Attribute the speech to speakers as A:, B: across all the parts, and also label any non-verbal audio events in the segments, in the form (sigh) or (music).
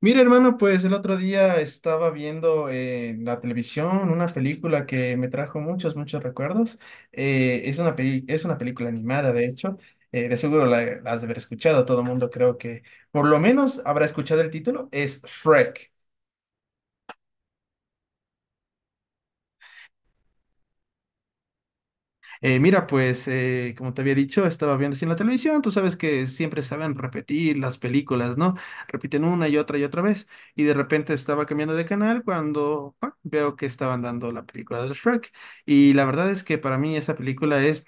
A: Mira, hermano, pues el otro día estaba viendo en la televisión una película que me trajo muchos recuerdos. Es una película animada, de hecho. De seguro la has de haber escuchado. Todo el mundo creo que por lo menos habrá escuchado el título. Es Shrek. Mira, pues como te había dicho, estaba viendo así en la televisión, tú sabes que siempre saben repetir las películas, ¿no? Repiten una y otra vez. Y de repente estaba cambiando de canal cuando ¡pa!, veo que estaban dando la película de Shrek. Y la verdad es que para mí esa película es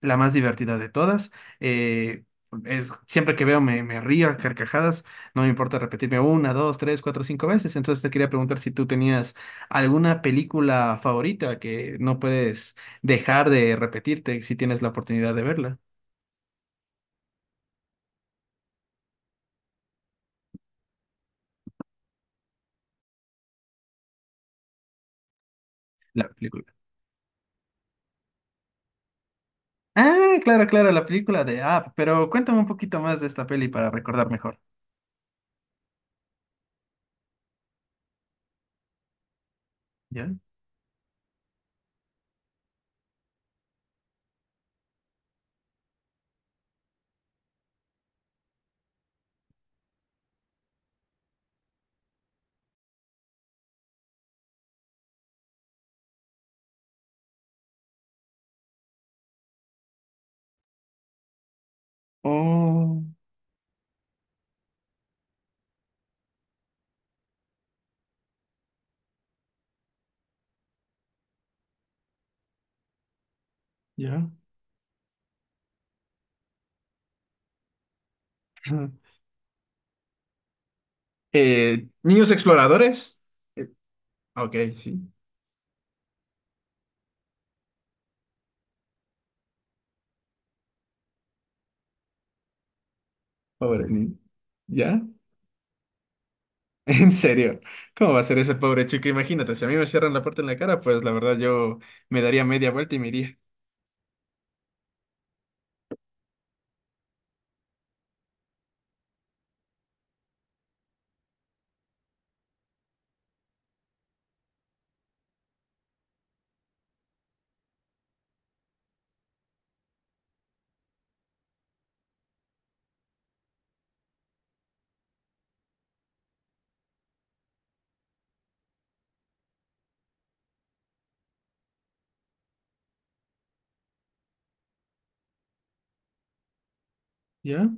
A: la más divertida de todas. Eh, Siempre que veo me río a carcajadas, no me importa repetirme una, dos, tres, cuatro, cinco veces. Entonces te quería preguntar si tú tenías alguna película favorita que no puedes dejar de repetirte si tienes la oportunidad de verla, la película. Ah, claro, claro, la película de Up, pero cuéntame un poquito más de esta peli para recordar mejor. ¿Ya? Oh, ya. (clears throat) Ajá. Niños exploradores. Eh, ok, sí. Pobre niño. ¿Ya? (laughs) En serio. ¿Cómo va a ser ese pobre chico? Imagínate, si a mí me cierran la puerta en la cara, pues la verdad yo me daría media vuelta y me iría. ¿Ya?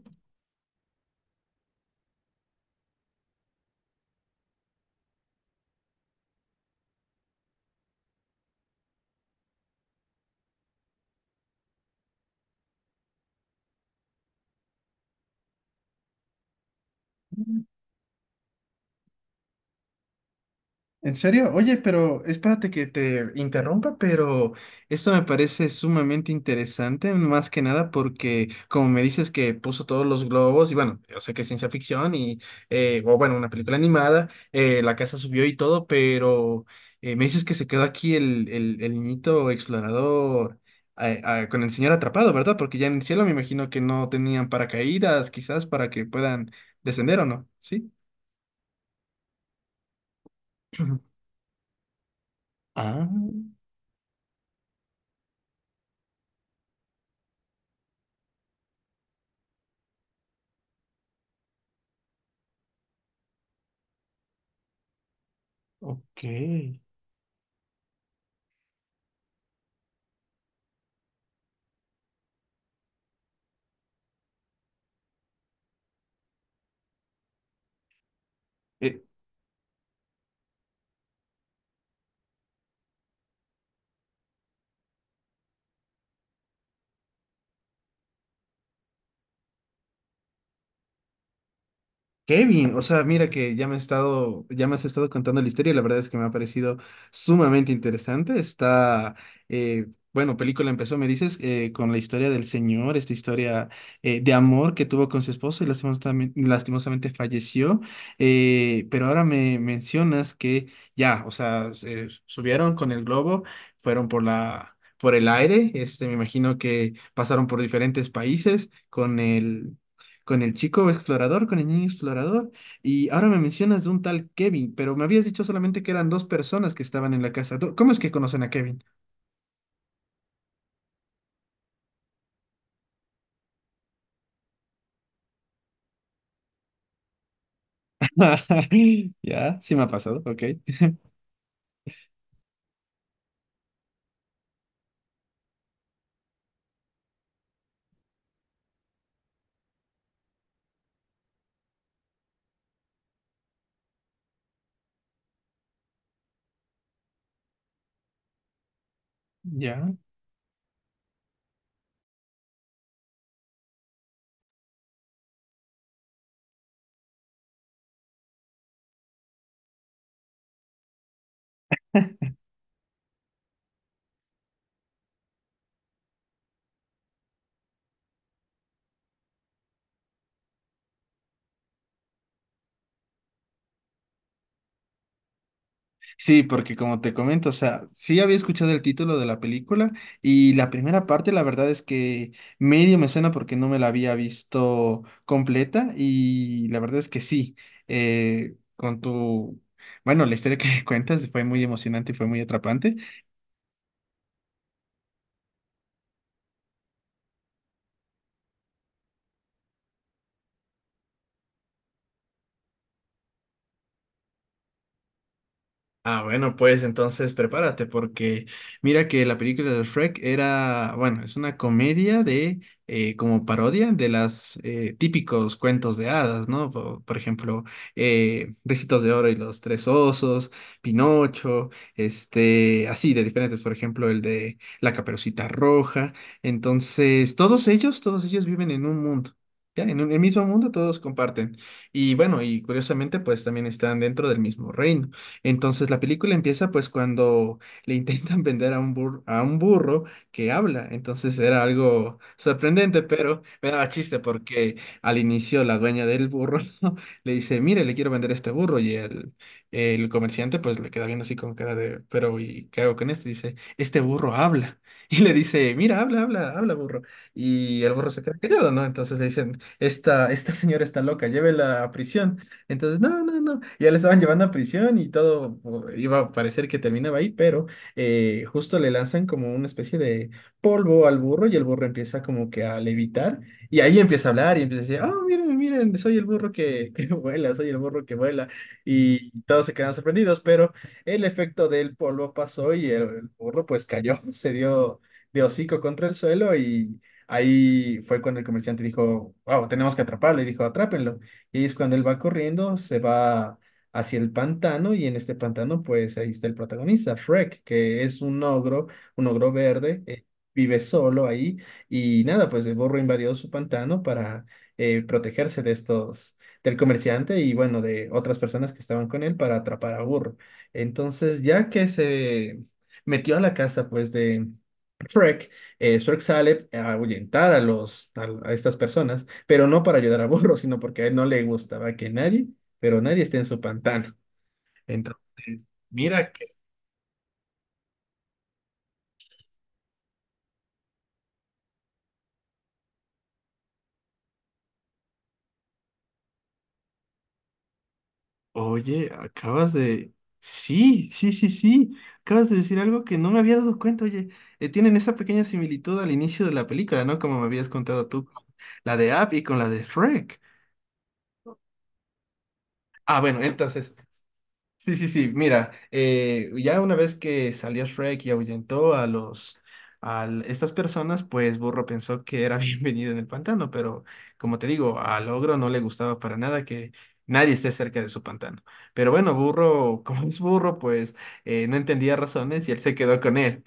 A: ¿En serio? Oye, pero espérate que te interrumpa, pero esto me parece sumamente interesante, más que nada porque como me dices que puso todos los globos, y bueno, yo sé que es ciencia ficción y, o bueno, una película animada, la casa subió y todo, pero me dices que se quedó aquí el niñito explorador con el señor atrapado, ¿verdad? Porque ya en el cielo me imagino que no tenían paracaídas, quizás para que puedan descender o no, ¿sí? (clears throat) Ah, ok. Eh, Kevin, o sea, mira que ya me has estado contando la historia y la verdad es que me ha parecido sumamente interesante. Eh, bueno, Película empezó, me dices, con la historia del señor, esta historia de amor que tuvo con su esposa y lastimosamente falleció. Pero ahora me mencionas que ya, o sea, se subieron con el globo, fueron por por el aire, este, me imagino que pasaron por diferentes países con el con el niño explorador. Y ahora me mencionas de un tal Kevin, pero me habías dicho solamente que eran dos personas que estaban en la casa. ¿Cómo es que conocen a Kevin? (laughs) Ya, sí me ha pasado, ok. Ya. Sí, porque como te comento, o sea, sí había escuchado el título de la película y la primera parte, la verdad es que medio me suena porque no me la había visto completa y la verdad es que sí, eh, con tu, bueno, la historia que (laughs) cuentas fue muy emocionante y fue muy atrapante. Ah, bueno, pues entonces prepárate porque mira que la película de Shrek era, bueno, es una comedia de, como parodia de las típicos cuentos de hadas, ¿no? Por ejemplo, Ricitos de Oro y los Tres Osos, Pinocho, este, así de diferentes, por ejemplo, el de La Caperucita Roja. Entonces, todos ellos viven en un mundo. El mismo mundo todos comparten. Y bueno, y curiosamente, pues también están dentro del mismo reino. Entonces la película empieza pues cuando le intentan (laughs) vender a un burro que habla. Entonces era algo sorprendente, pero me daba chiste porque al inicio la dueña del burro (laughs) le dice, mire, le quiero vender este burro y el comerciante pues le queda viendo así con cara de, pero ¿y qué hago con esto? Y dice, este burro habla. (laughs) Y le dice, mira, habla, habla, habla, burro. Y el burro se queda callado, ¿no? Entonces le dicen, esta señora está loca, llévela a prisión. Entonces, no, no, no. Ya le estaban llevando a prisión y todo iba a parecer que terminaba ahí, pero justo le lanzan como una especie de polvo al burro y el burro empieza como que a levitar y ahí empieza a hablar y empieza a decir, oh, miren, miren, soy el burro que (laughs) vuela, soy el burro que vuela. Y todos se quedan sorprendidos, pero el efecto del polvo pasó y el burro pues cayó, (laughs) se dio de hocico contra el suelo y… Ahí fue cuando el comerciante dijo, wow, tenemos que atraparlo. Y dijo, atrápenlo. Y es cuando él va corriendo, se va hacia el pantano y en este pantano pues ahí está el protagonista, Shrek, que es un ogro verde, vive solo ahí y nada, pues el burro invadió su pantano para protegerse de estos, del comerciante y bueno, de otras personas que estaban con él para atrapar a burro. Entonces ya que se metió a la casa pues de Shrek, Shrek sale a ahuyentar a los, a estas personas pero no para ayudar a Burro, sino porque a él no le gustaba que nadie, pero nadie esté en su pantano. Entonces, mira que, oye, acabas de… Sí, sí, sí, sí. Acabas de decir algo que no me había dado cuenta. Oye, tienen esa pequeña similitud al inicio de la película, ¿no? Como me habías contado tú, con la de App y con la de Shrek. Ah, bueno, entonces, sí, sí, sí, mira, ya una vez que salió Shrek y ahuyentó a los estas personas, pues Burro pensó que era (laughs) bienvenido en el pantano, pero como te digo, al ogro no le gustaba para nada que nadie esté cerca de su pantano. Pero bueno, Burro, (laughs) como es burro, pues no entendía razones y él se quedó con él.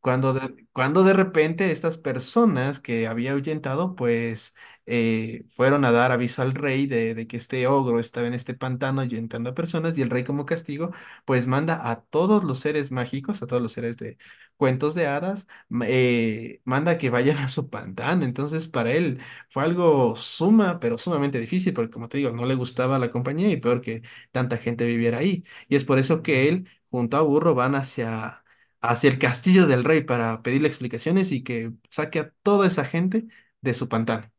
A: Cuando de repente estas personas que había ahuyentado, pues fueron a dar aviso al rey de que este ogro estaba en este pantano ahuyentando a personas y el rey como castigo, pues manda a todos los seres mágicos, a todos los seres de cuentos de hadas, manda que vayan a su pantano. Entonces para él fue algo suma, pero sumamente difícil, porque como te digo, no le gustaba la compañía y peor que tanta gente viviera ahí. Y es por eso que él junto a Burro van hacia hacia el castillo del rey para pedirle explicaciones y que saque a toda esa gente de su pantano.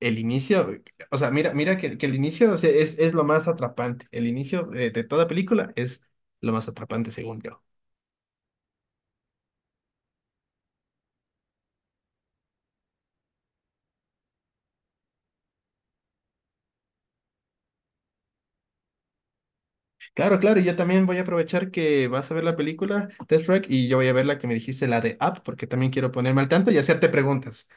A: El inicio, o sea, Mira, mira que el inicio o sea, es lo más atrapante. El inicio de toda película es lo más atrapante, según yo. Claro, claro, y yo también voy a aprovechar que vas a ver la película Test Track y yo voy a ver la que me dijiste, la de Up, porque también quiero ponerme al tanto y hacerte preguntas.